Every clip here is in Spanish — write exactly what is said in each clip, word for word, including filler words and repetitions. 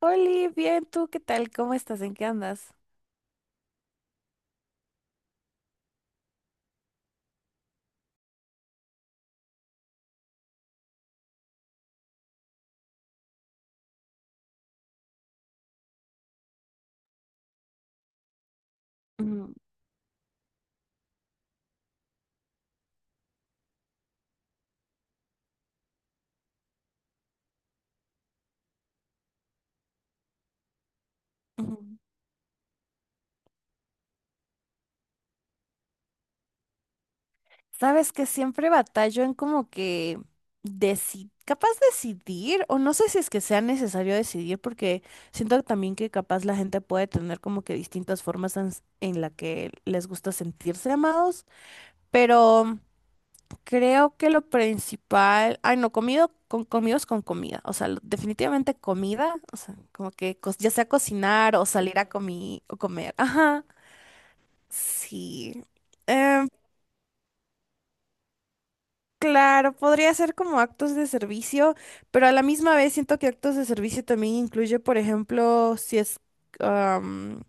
Oli, bien, ¿tú qué tal? ¿Cómo estás? ¿En qué andas? Ujú, ujú. Sabes que siempre batallo en como que deci- capaz decidir, o no sé si es que sea necesario decidir, porque siento también que capaz la gente puede tener como que distintas formas en, en la que les gusta sentirse amados, pero creo que lo principal, ay no, comido con comidos con comida, o sea, lo- definitivamente comida, o sea, como que cos- ya sea cocinar o salir a comi- o comer, ajá. Sí. Em, claro, podría ser como actos de servicio, pero a la misma vez siento que actos de servicio también incluye, por ejemplo, si es, am,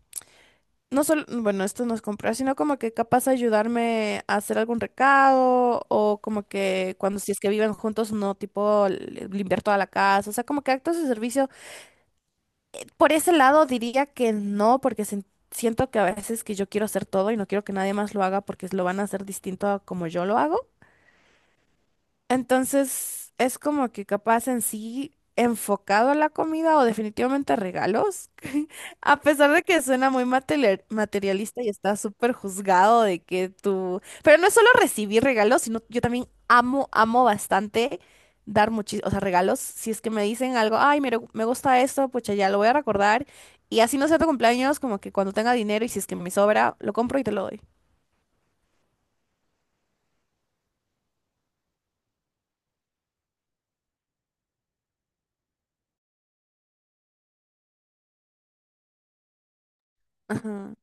no solo, bueno, esto nos comprar, sino como que capaz ayudarme a hacer algún recado o como que cuando si es que viven juntos, no, tipo li- limpiar toda la casa, o sea, como que actos de servicio. Por ese lado diría que no, porque sen- siento que a veces que yo quiero hacer todo y no quiero que nadie más lo haga porque lo van a hacer distinto a como yo lo hago. Entonces, es como que capaz en sí enfocado a la comida o definitivamente a regalos, a pesar de que suena muy mateler- materialista y está súper juzgado de que tú... Pero no es solo recibir regalos, sino yo también amo, amo bastante dar muchísimos, o sea, regalos. Si es que me dicen algo, ay, mira, me gusta esto, pues ya lo voy a recordar. Y así no sea tu cumpleaños, como que cuando tenga dinero y si es que me sobra, lo compro y te lo doy. Ajá,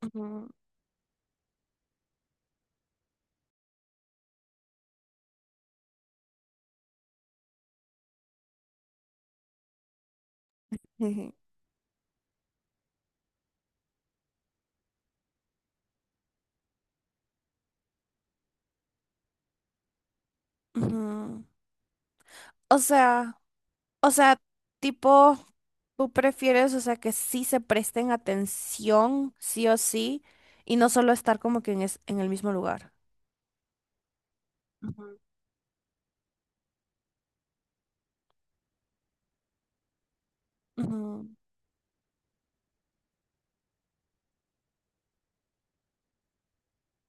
ajá, jeje, ajá. O sea... O sea, tipo, tú prefieres, o sea, que sí se presten atención, sí o sí, y no solo estar como que en, es- en el mismo lugar. Ujú. Ujú,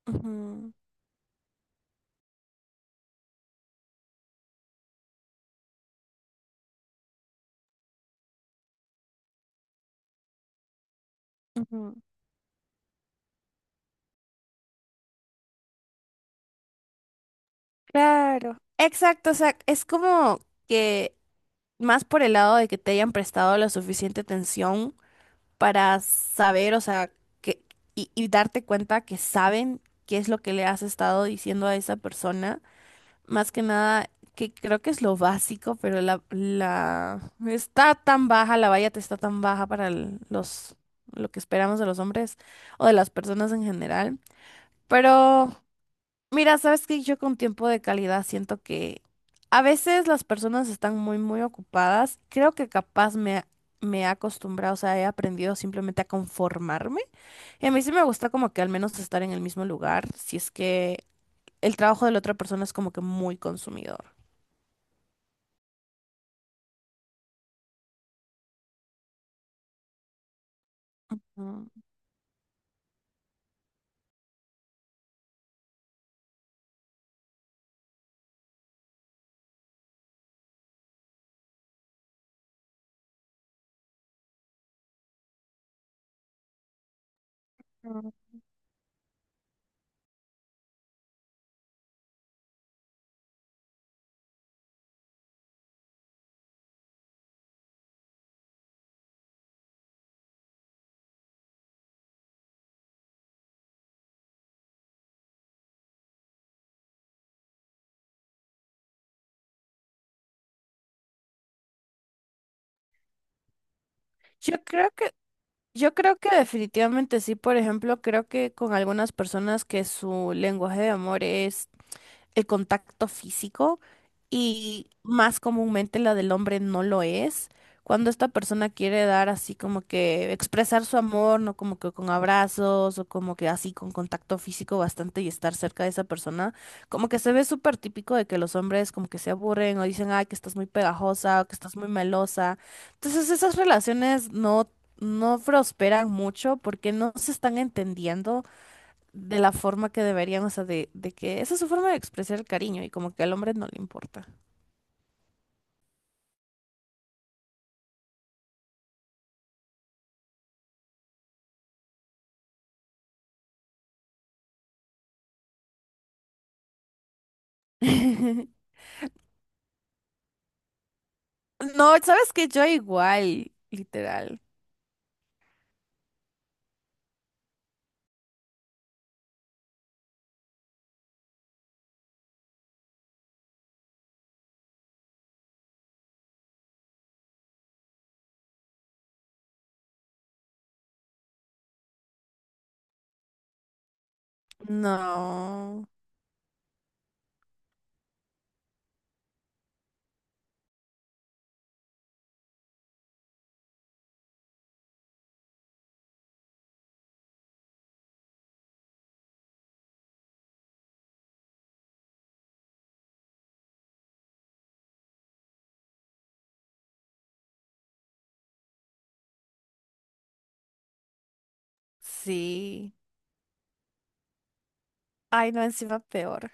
ujú, ujú. Claro, exacto, o sea, es como que más por el lado de que te hayan prestado la suficiente atención para saber, o sea, que, y, y darte cuenta que saben qué es lo que le has estado diciendo a esa persona, más que nada, que creo que es lo básico, pero la, la está tan baja, la valla te está tan baja para el- los lo que esperamos de los hombres o de las personas en general. Pero mira, sabes que yo con tiempo de calidad siento que a veces las personas están muy, muy ocupadas. Creo que capaz me, me he acostumbrado, o sea, he aprendido simplemente a conformarme. Y a mí sí me gusta como que al menos estar en el mismo lugar, si es que el trabajo de la otra persona es como que muy consumidor. Mm, mm. Yo creo que, yo creo que definitivamente sí, por ejemplo, creo que con algunas personas que su lenguaje de amor es el contacto físico y más comúnmente la del hombre no lo es. Cuando esta persona quiere dar así como que expresar su amor, no como que con abrazos o como que así con contacto físico bastante y estar cerca de esa persona, como que se ve súper típico de que los hombres como que se aburren o dicen, ay, que estás muy pegajosa o que estás muy melosa. Entonces esas relaciones no, no prosperan mucho porque no se están entendiendo, de la forma que deberían, o sea, de, de que esa es su forma de expresar el cariño y como que al hombre no le importa. No, sabes que yo igual, literal. No, sí. Ay, no, encima peor.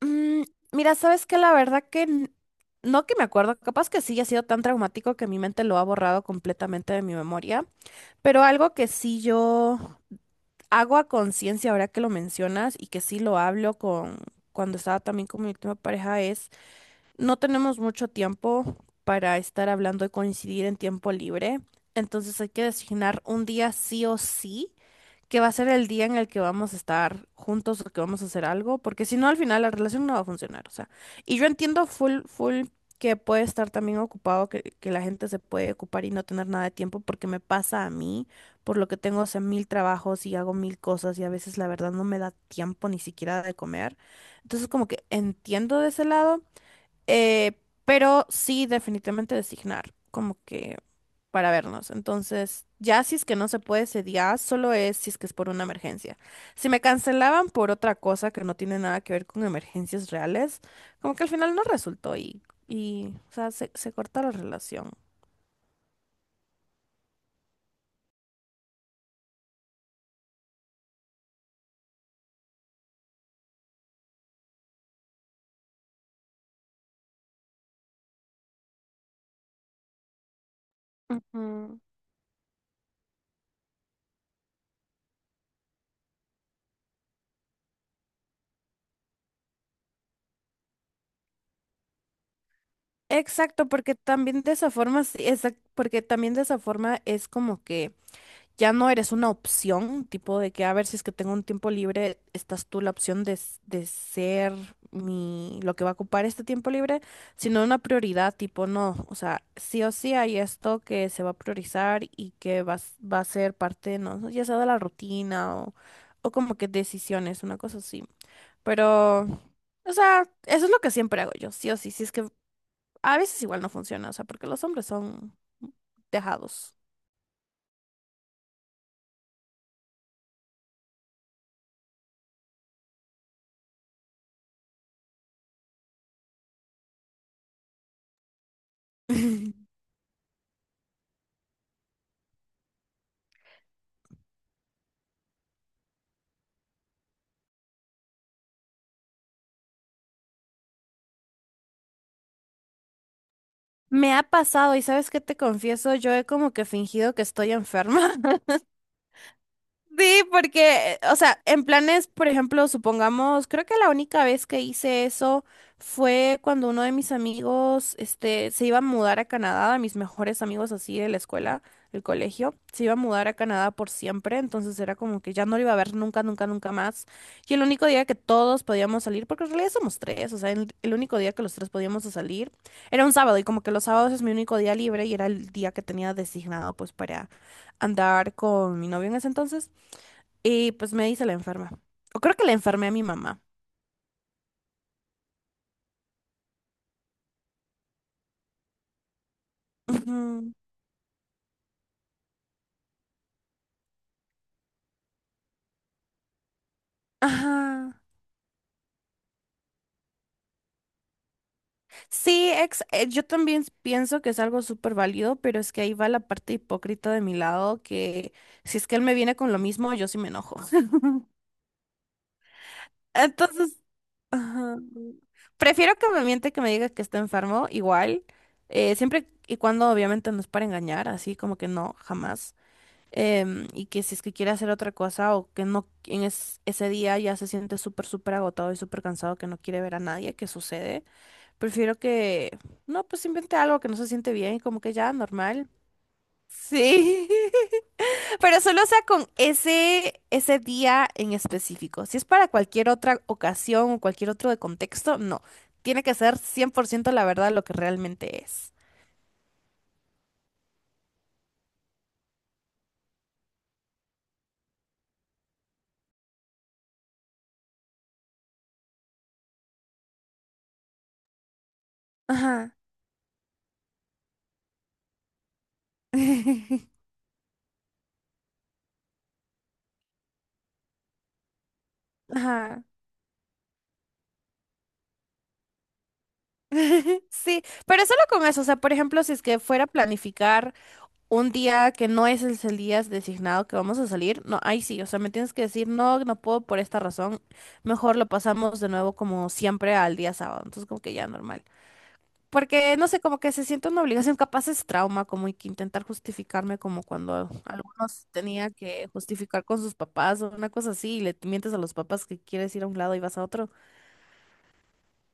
Mm, mira, sabes que la verdad que n- no que me acuerdo, capaz que sí ha sido tan traumático que mi mente lo ha borrado completamente de mi memoria, pero algo que sí yo hago a conciencia ahora que lo mencionas y que sí lo hablo con cuando estaba también con mi última pareja es: no tenemos mucho tiempo para estar hablando y coincidir en tiempo libre, entonces hay que designar un día sí o sí, que va a ser el día en el que vamos a estar juntos o que vamos a hacer algo, porque si no al final la relación no va a funcionar, o sea, y yo entiendo full, full que, puede estar también ocupado, que, que la gente se puede ocupar y no tener nada de tiempo, porque me pasa a mí, por lo que tengo, o sea, mil trabajos y hago mil cosas y a veces la verdad no me da tiempo ni siquiera de comer, entonces como que entiendo de ese lado. Eh, pero sí, definitivamente designar, como que para vernos. Entonces, ya si es que no se puede ese día, solo es si es que es por una emergencia. Si me cancelaban por otra cosa que no tiene nada que ver con emergencias reales, como que al final no resultó y, y o sea, se, se corta la relación. Ujú. Exacto, porque también de esa forma, sí, exact- porque también de esa forma es como que ya no eres una opción, tipo de que a ver si es que tengo un tiempo libre, estás tú la opción de, s- de ser mi, lo que va a ocupar este tiempo libre, sino una prioridad, tipo no, o sea, sí o sí hay esto que se va a priorizar y que va, a s- va a ser parte, no, ya sea de la rutina o, o como que decisiones, una cosa así. Pero, o sea, eso es lo que siempre hago yo, sí o sí, si es que a veces igual no funciona, o sea, porque los hombres son dejados. Me ha pasado y sabes qué te confieso, yo he como que fingido que estoy enferma. Sí, porque, o sea, en planes, por ejemplo, supongamos, creo que la única vez que hice eso fue cuando uno de mis amigos, este, se iba a mudar a Canadá, mis mejores amigos así de la escuela, del colegio, se iba a mudar a Canadá por siempre, entonces era como que ya no lo iba a ver nunca, nunca, nunca más. Y el único día que todos podíamos salir, porque en realidad somos tres, o sea, el, el único día que los tres podíamos salir era un sábado y como que los sábados es mi único día libre y era el día que tenía designado pues para andar con mi novio en ese entonces. Y pues me dice la enferma. O creo que la enfermé a mi mamá. Ujú. Ajá. Sí, ex, eh, yo también pienso que es algo súper válido, pero es que ahí va la parte hipócrita de mi lado, que si es que él me viene con lo mismo, yo sí me enojo. Entonces, ajá. Prefiero que me miente que me diga que está enfermo, igual, eh, siempre y cuando obviamente no es para engañar, así como que no, jamás. em, y que si es que quiere hacer otra cosa o que no en es- ese día ya se siente súper, súper agotado y súper cansado que no quiere ver a nadie, ¿qué sucede? Prefiero que, no, pues invente algo que no se siente bien y como que ya, normal. Sí, pero solo sea con ese, ese día en específico. Si es para cualquier otra ocasión o cualquier otro de contexto, no. Tiene que ser cien por ciento la verdad lo que realmente es. Ajá, ajá. Sí, pero solo con eso, o sea, por ejemplo, si es que fuera a planificar un día que no es el, el día designado que vamos a salir, no, ahí sí, o sea, me tienes que decir, no, no puedo por esta razón, mejor lo pasamos de nuevo como siempre al día sábado, entonces como que ya normal. Porque, no sé, como que se siente una obligación, capaz es trauma, como que intentar justificarme como cuando algunos tenía que justificar con sus papás o una cosa así, y le mientes a los papás que quieres ir a un lado y vas a otro.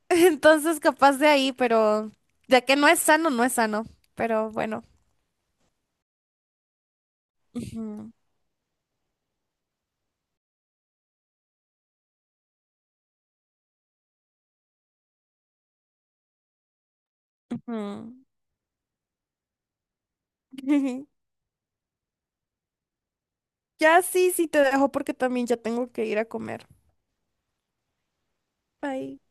Entonces, capaz de ahí, pero de que no es sano, no es sano. Pero bueno. Ujú, ujú. Ya sí, sí te dejo porque también ya tengo que ir a comer. Bye.